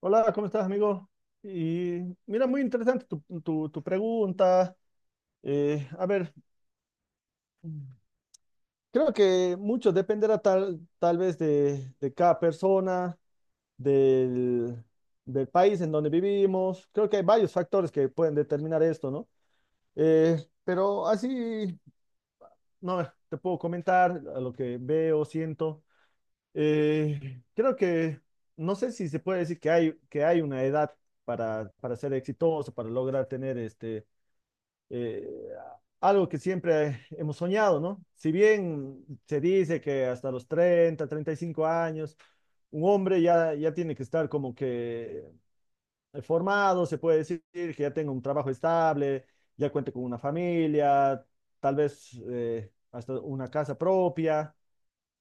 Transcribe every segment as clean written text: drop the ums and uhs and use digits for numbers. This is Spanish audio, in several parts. Hola, ¿cómo estás, amigo? Y mira, muy interesante tu pregunta. A ver, creo que mucho dependerá tal vez de cada persona, del, del país en donde vivimos. Creo que hay varios factores que pueden determinar esto, ¿no? Eh, pero así, no, te puedo comentar a lo que veo, siento. Creo que, no sé si se puede decir que hay una edad para ser exitoso, para lograr tener este eh, algo que siempre hemos soñado, ¿no? Si bien se dice que hasta los 30, 35 años, un hombre ya tiene que estar como que formado, se puede decir que ya tenga un trabajo estable, ya cuente con una familia, tal vez hasta una casa propia.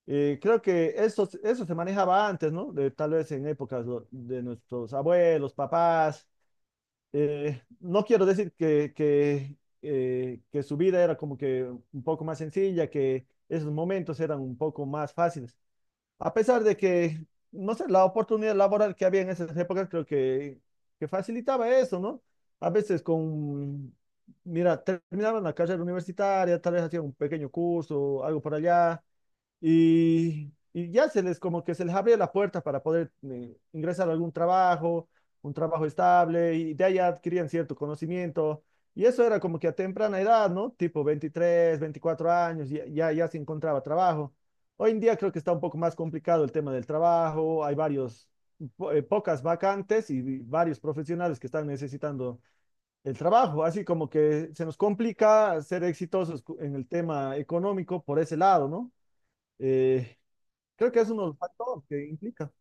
Creo que eso se manejaba antes, ¿no? Tal vez en épocas de nuestros abuelos, papás, no quiero decir que su vida era como que un poco más sencilla, que esos momentos eran un poco más fáciles, a pesar de que, no sé, la oportunidad laboral que había en esas épocas creo que facilitaba eso, ¿no? A veces con, mira, terminaban la carrera universitaria, tal vez hacían un pequeño curso, algo por allá, y ya se les, como que se les abría la puerta para poder ingresar a algún trabajo, un trabajo estable, y de allá adquirían cierto conocimiento. Y eso era como que a temprana edad, ¿no? Tipo 23 24 años, ya se encontraba trabajo. Hoy en día creo que está un poco más complicado el tema del trabajo, hay varios, pocas vacantes y varios profesionales que están necesitando el trabajo, así como que se nos complica ser exitosos en el tema económico por ese lado, ¿no? Eh, Creo que es uno de los factores que implica.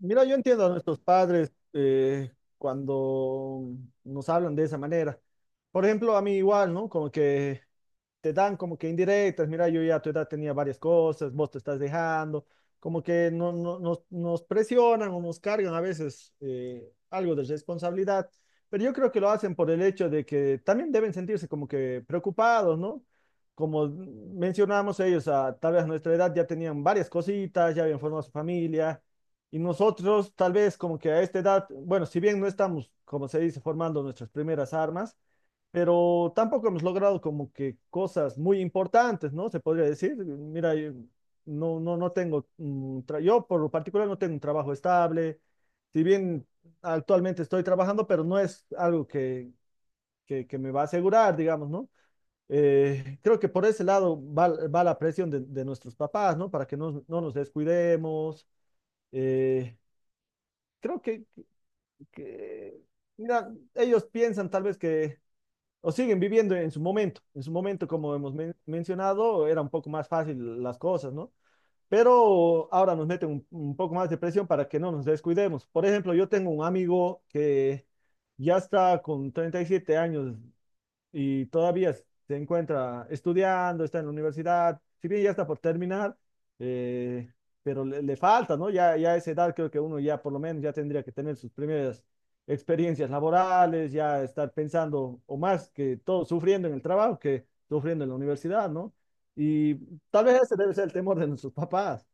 Mira, yo entiendo a nuestros padres cuando nos hablan de esa manera. Por ejemplo, a mí igual, ¿no? Como que te dan como que indirectas, mira, yo ya a tu edad tenía varias cosas, vos te estás dejando, como que nos presionan o nos cargan a veces algo de responsabilidad, pero yo creo que lo hacen por el hecho de que también deben sentirse como que preocupados, ¿no? Como mencionamos ellos, tal vez a nuestra edad ya tenían varias cositas, ya habían formado su familia y nosotros, tal vez como que a esta edad, bueno, si bien no estamos, como se dice, formando nuestras primeras armas, pero tampoco hemos logrado como que cosas muy importantes, ¿no? Se podría decir, mira, yo no tengo, un yo por lo particular no tengo un trabajo estable, si bien actualmente estoy trabajando, pero no es algo que me va a asegurar, digamos, ¿no? Creo que por ese lado va la presión de nuestros papás, ¿no? Para que no nos descuidemos. eh, Creo que, mira, ellos piensan tal vez que, o siguen viviendo en su momento, como hemos mencionado, era un poco más fácil las cosas, ¿no? Pero ahora nos meten un poco más de presión para que no nos descuidemos. Por ejemplo, yo tengo un amigo que ya está con 37 años y todavía se encuentra estudiando, está en la universidad, si bien ya está por terminar, eh, pero le falta, ¿no? Ya a esa edad creo que uno ya por lo menos ya tendría que tener sus primeras experiencias laborales, ya estar pensando, o más que todo, sufriendo en el trabajo que sufriendo en la universidad, ¿no? Y tal vez ese debe ser el temor de nuestros papás.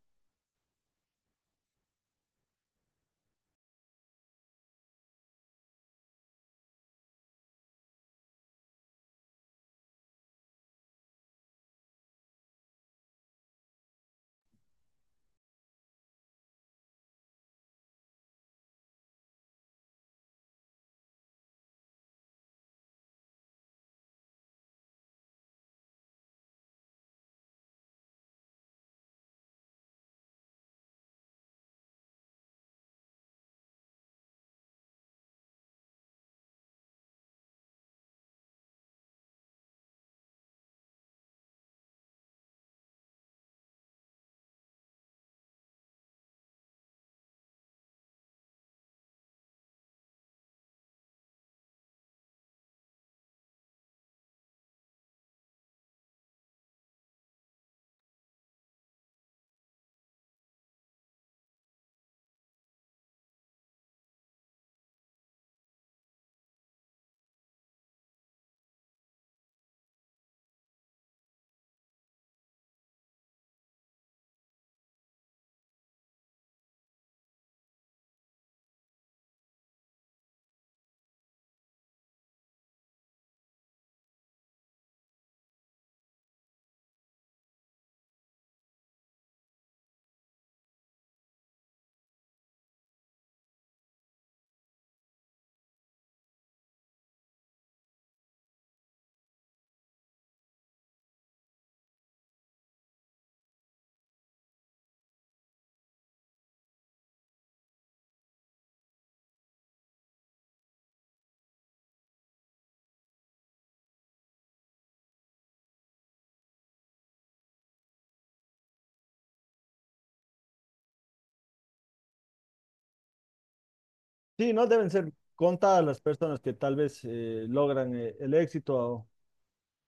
Sí, no deben ser contadas las personas que tal vez logran el éxito.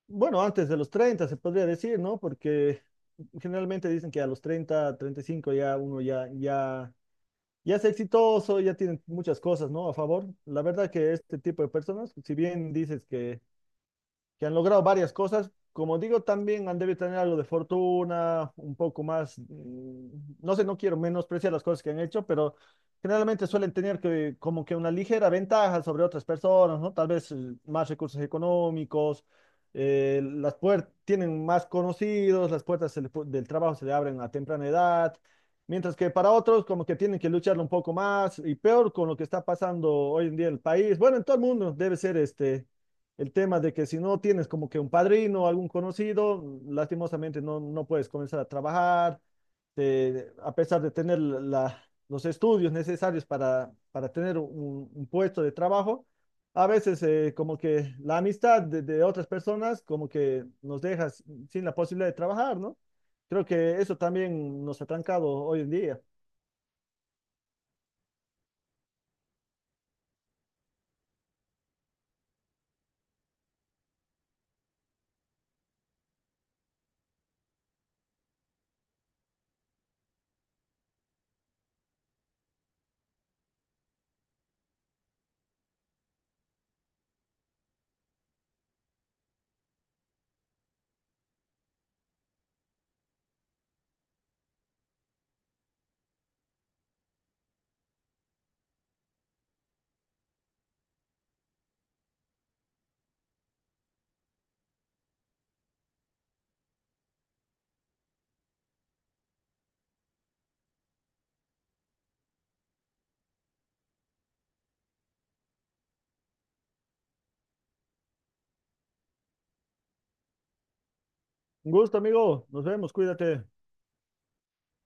Bueno, antes de los 30 se podría decir, ¿no? Porque generalmente dicen que a los 30, 35 ya uno ya es exitoso, ya tiene muchas cosas, ¿no? A favor. La verdad que este tipo de personas, si bien dices que han logrado varias cosas. Como digo, también han debido tener algo de fortuna, un poco más, no sé, no quiero menospreciar las cosas que han hecho, pero generalmente suelen tener que, como que una ligera ventaja sobre otras personas, ¿no? Tal vez más recursos económicos, las puertas tienen más conocidos, las puertas se le del trabajo se le abren a temprana edad. Mientras que para otros como que tienen que lucharlo un poco más y peor con lo que está pasando hoy en día en el país. Bueno, en todo el mundo debe ser este, el tema de que si no tienes como que un padrino o algún conocido, lastimosamente no puedes comenzar a trabajar, a pesar de tener los estudios necesarios para tener un puesto de trabajo, a veces como que la amistad de otras personas como que nos deja sin la posibilidad de trabajar, ¿no? Creo que eso también nos ha trancado hoy en día. Un gusto, amigo. Nos vemos. Cuídate.